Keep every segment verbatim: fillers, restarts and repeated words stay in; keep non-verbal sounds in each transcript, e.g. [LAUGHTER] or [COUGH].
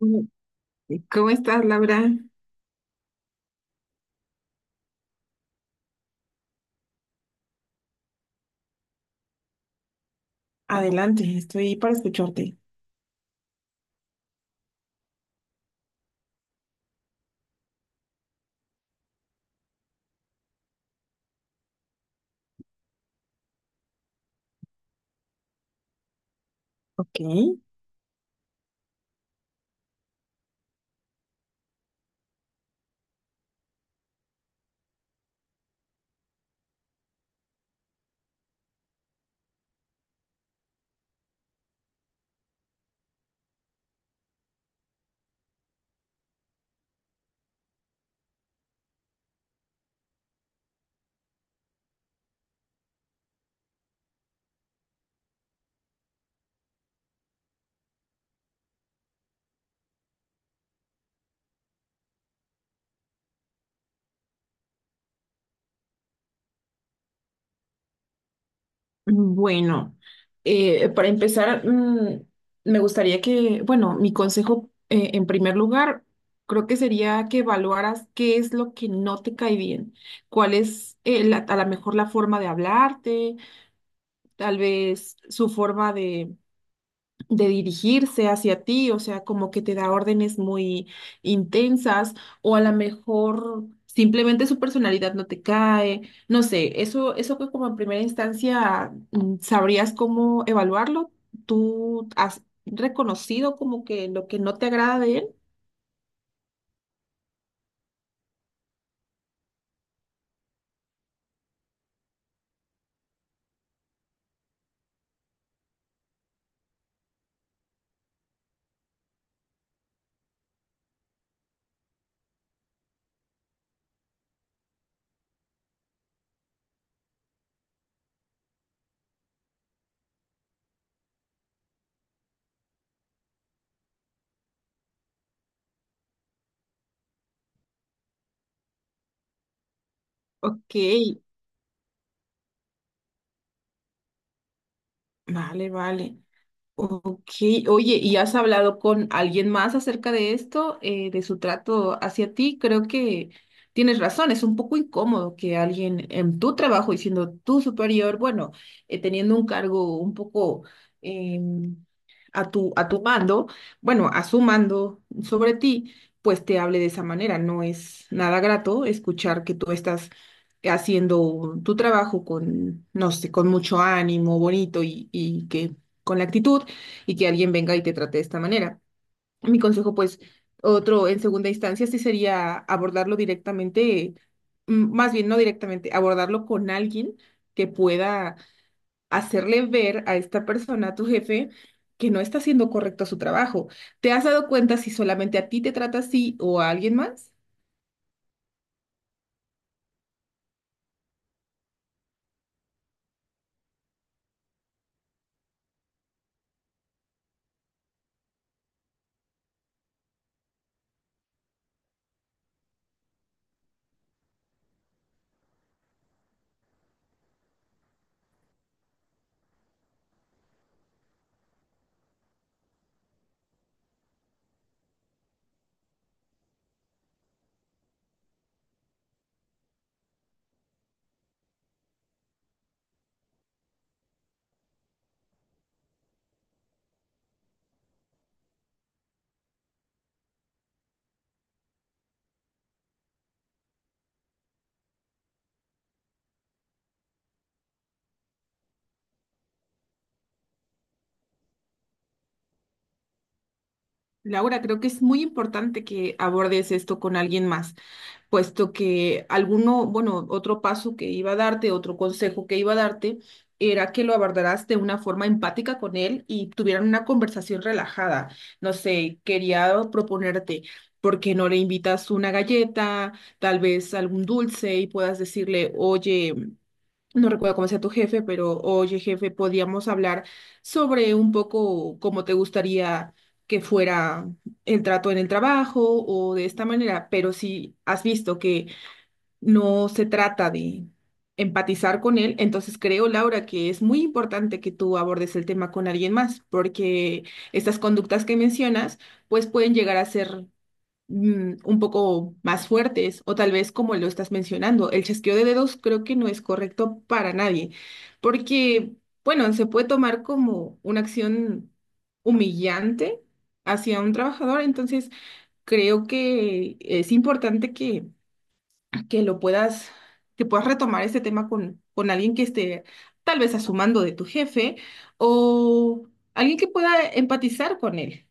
Mm, ¿cómo estás, Laura? Adelante, estoy para escucharte. Ok. Bueno, eh, para empezar, mm, me gustaría que, bueno, mi consejo, eh, en primer lugar, creo que sería que evaluaras qué es lo que no te cae bien, cuál es, eh, la- a lo mejor la forma de hablarte, tal vez su forma de de dirigirse hacia ti, o sea, como que te da órdenes muy intensas o a lo mejor simplemente su personalidad no te cae, no sé, eso, eso que como en primera instancia mm, sabrías cómo evaluarlo, tú has reconocido como que lo que no te agrada de él. Ok, vale, vale. Ok, oye, ¿y has hablado con alguien más acerca de esto, eh, de su trato hacia ti? Creo que tienes razón, es un poco incómodo que alguien en tu trabajo y siendo tu superior, bueno, eh, teniendo un cargo un poco em, a tu, a tu mando, bueno, a su mando sobre ti, pues te hable de esa manera. No es nada grato escuchar que tú estás haciendo tu trabajo con, no sé, con mucho ánimo, bonito y, y que con la actitud y que alguien venga y te trate de esta manera. Mi consejo, pues, otro en segunda instancia, sí sería abordarlo directamente, mm, más bien no directamente, abordarlo con alguien que pueda hacerle ver a esta persona, a tu jefe, que no está haciendo correcto su trabajo. ¿Te has dado cuenta si solamente a ti te trata así o a alguien más? Laura, creo que es muy importante que abordes esto con alguien más, puesto que alguno, bueno, otro paso que iba a darte, otro consejo que iba a darte, era que lo abordaras de una forma empática con él y tuvieran una conversación relajada. No sé, quería proponerte, ¿por qué no le invitas una galleta, tal vez algún dulce y puedas decirle, oye, no recuerdo cómo sea tu jefe, pero oye, jefe, podíamos hablar sobre un poco cómo te gustaría que fuera el trato en el trabajo o de esta manera, pero si has visto que no se trata de empatizar con él. Entonces creo, Laura, que es muy importante que tú abordes el tema con alguien más, porque estas conductas que mencionas, pues pueden llegar a ser mm, un poco más fuertes o tal vez como lo estás mencionando. El chasqueo de dedos creo que no es correcto para nadie, porque, bueno, se puede tomar como una acción humillante hacia un trabajador, entonces creo que es importante que que lo puedas, que puedas retomar este tema con, con alguien que esté tal vez a su mando de tu jefe o alguien que pueda empatizar con él.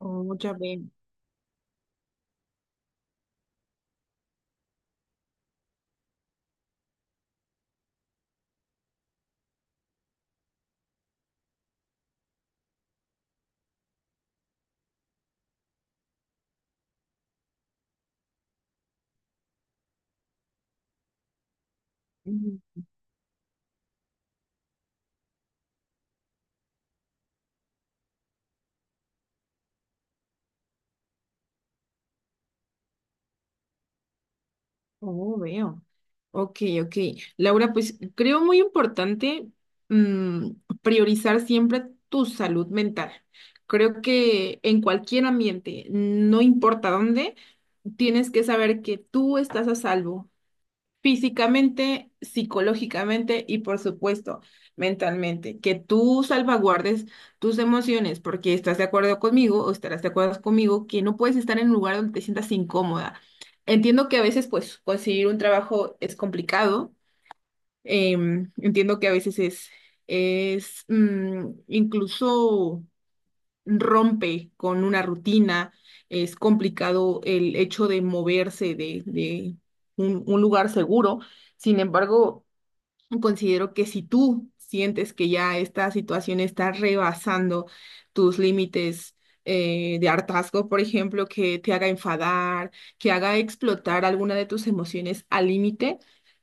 Oh, ya veo. Ujú. Oh, veo. Ok, ok. Laura, pues creo muy importante mm, priorizar siempre tu salud mental. Creo que en cualquier ambiente, no importa dónde, tienes que saber que tú estás a salvo físicamente, psicológicamente y por supuesto mentalmente, que tú salvaguardes tus emociones, porque estás de acuerdo conmigo o estarás de acuerdo conmigo que no puedes estar en un lugar donde te sientas incómoda. Entiendo que a veces pues conseguir un trabajo es complicado, em, entiendo que a veces es, es mm, incluso rompe con una rutina, es complicado el hecho de moverse de, de un, un lugar seguro. Sin embargo, considero que si tú sientes que ya esta situación está rebasando tus límites eh, de hartazgo, por ejemplo, que te haga enfadar, que haga explotar alguna de tus emociones al límite,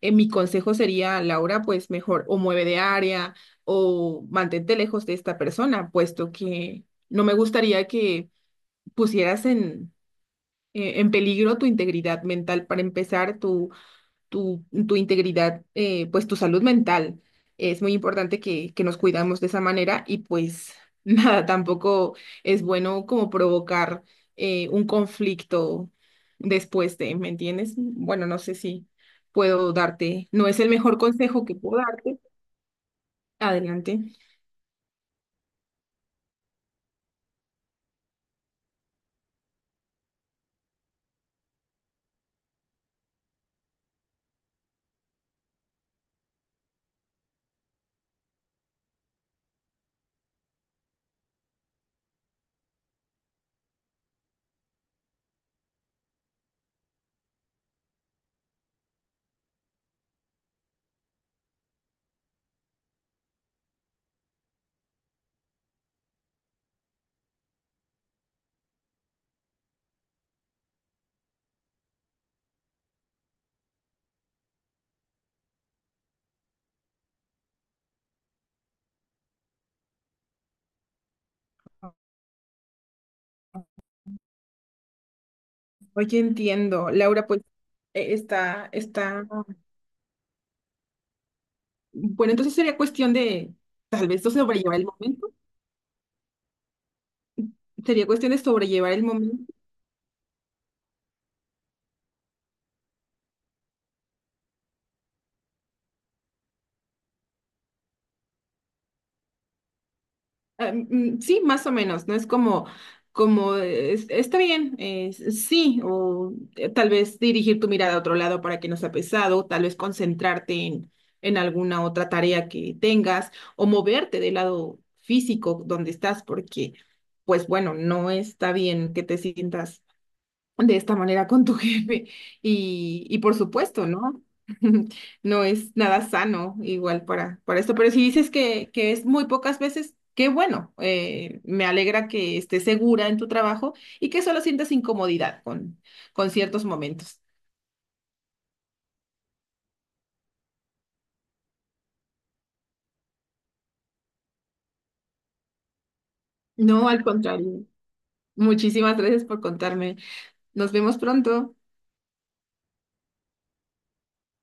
eh, mi consejo sería, Laura, pues mejor o mueve de área o mantente lejos de esta persona, puesto que no me gustaría que pusieras en, eh, en peligro tu integridad mental para empezar tu tu, tu integridad, eh, pues tu salud mental. Es muy importante que, que nos cuidamos de esa manera y pues [LAUGHS] nada, tampoco es bueno como provocar eh, un conflicto después de, ¿me entiendes? Bueno, no sé si puedo darte, no es el mejor consejo que puedo darte. Adelante. Oye, entiendo. Laura, pues eh, está, está. Bueno, entonces sería cuestión de, tal vez, no sobrellevar el momento. Sería cuestión de sobrellevar el momento. Ah, mm, sí, más o menos, ¿no? Es como, como, eh, es- está bien, eh, s- sí, o eh, tal vez dirigir tu mirada a otro lado para que no sea pesado, tal vez concentrarte en, en alguna otra tarea que tengas, o moverte del lado físico donde estás, porque, pues bueno, no está bien que te sientas de esta manera con tu [LAUGHS] jefe. Y, y por supuesto, ¿no? [LAUGHS] No es nada sano igual para, para esto, pero si dices que, que es muy pocas veces, qué bueno. Eh, me alegra que estés segura en tu trabajo y que solo sientas incomodidad con, con ciertos momentos. No, al contrario. Muchísimas gracias por contarme. Nos vemos pronto.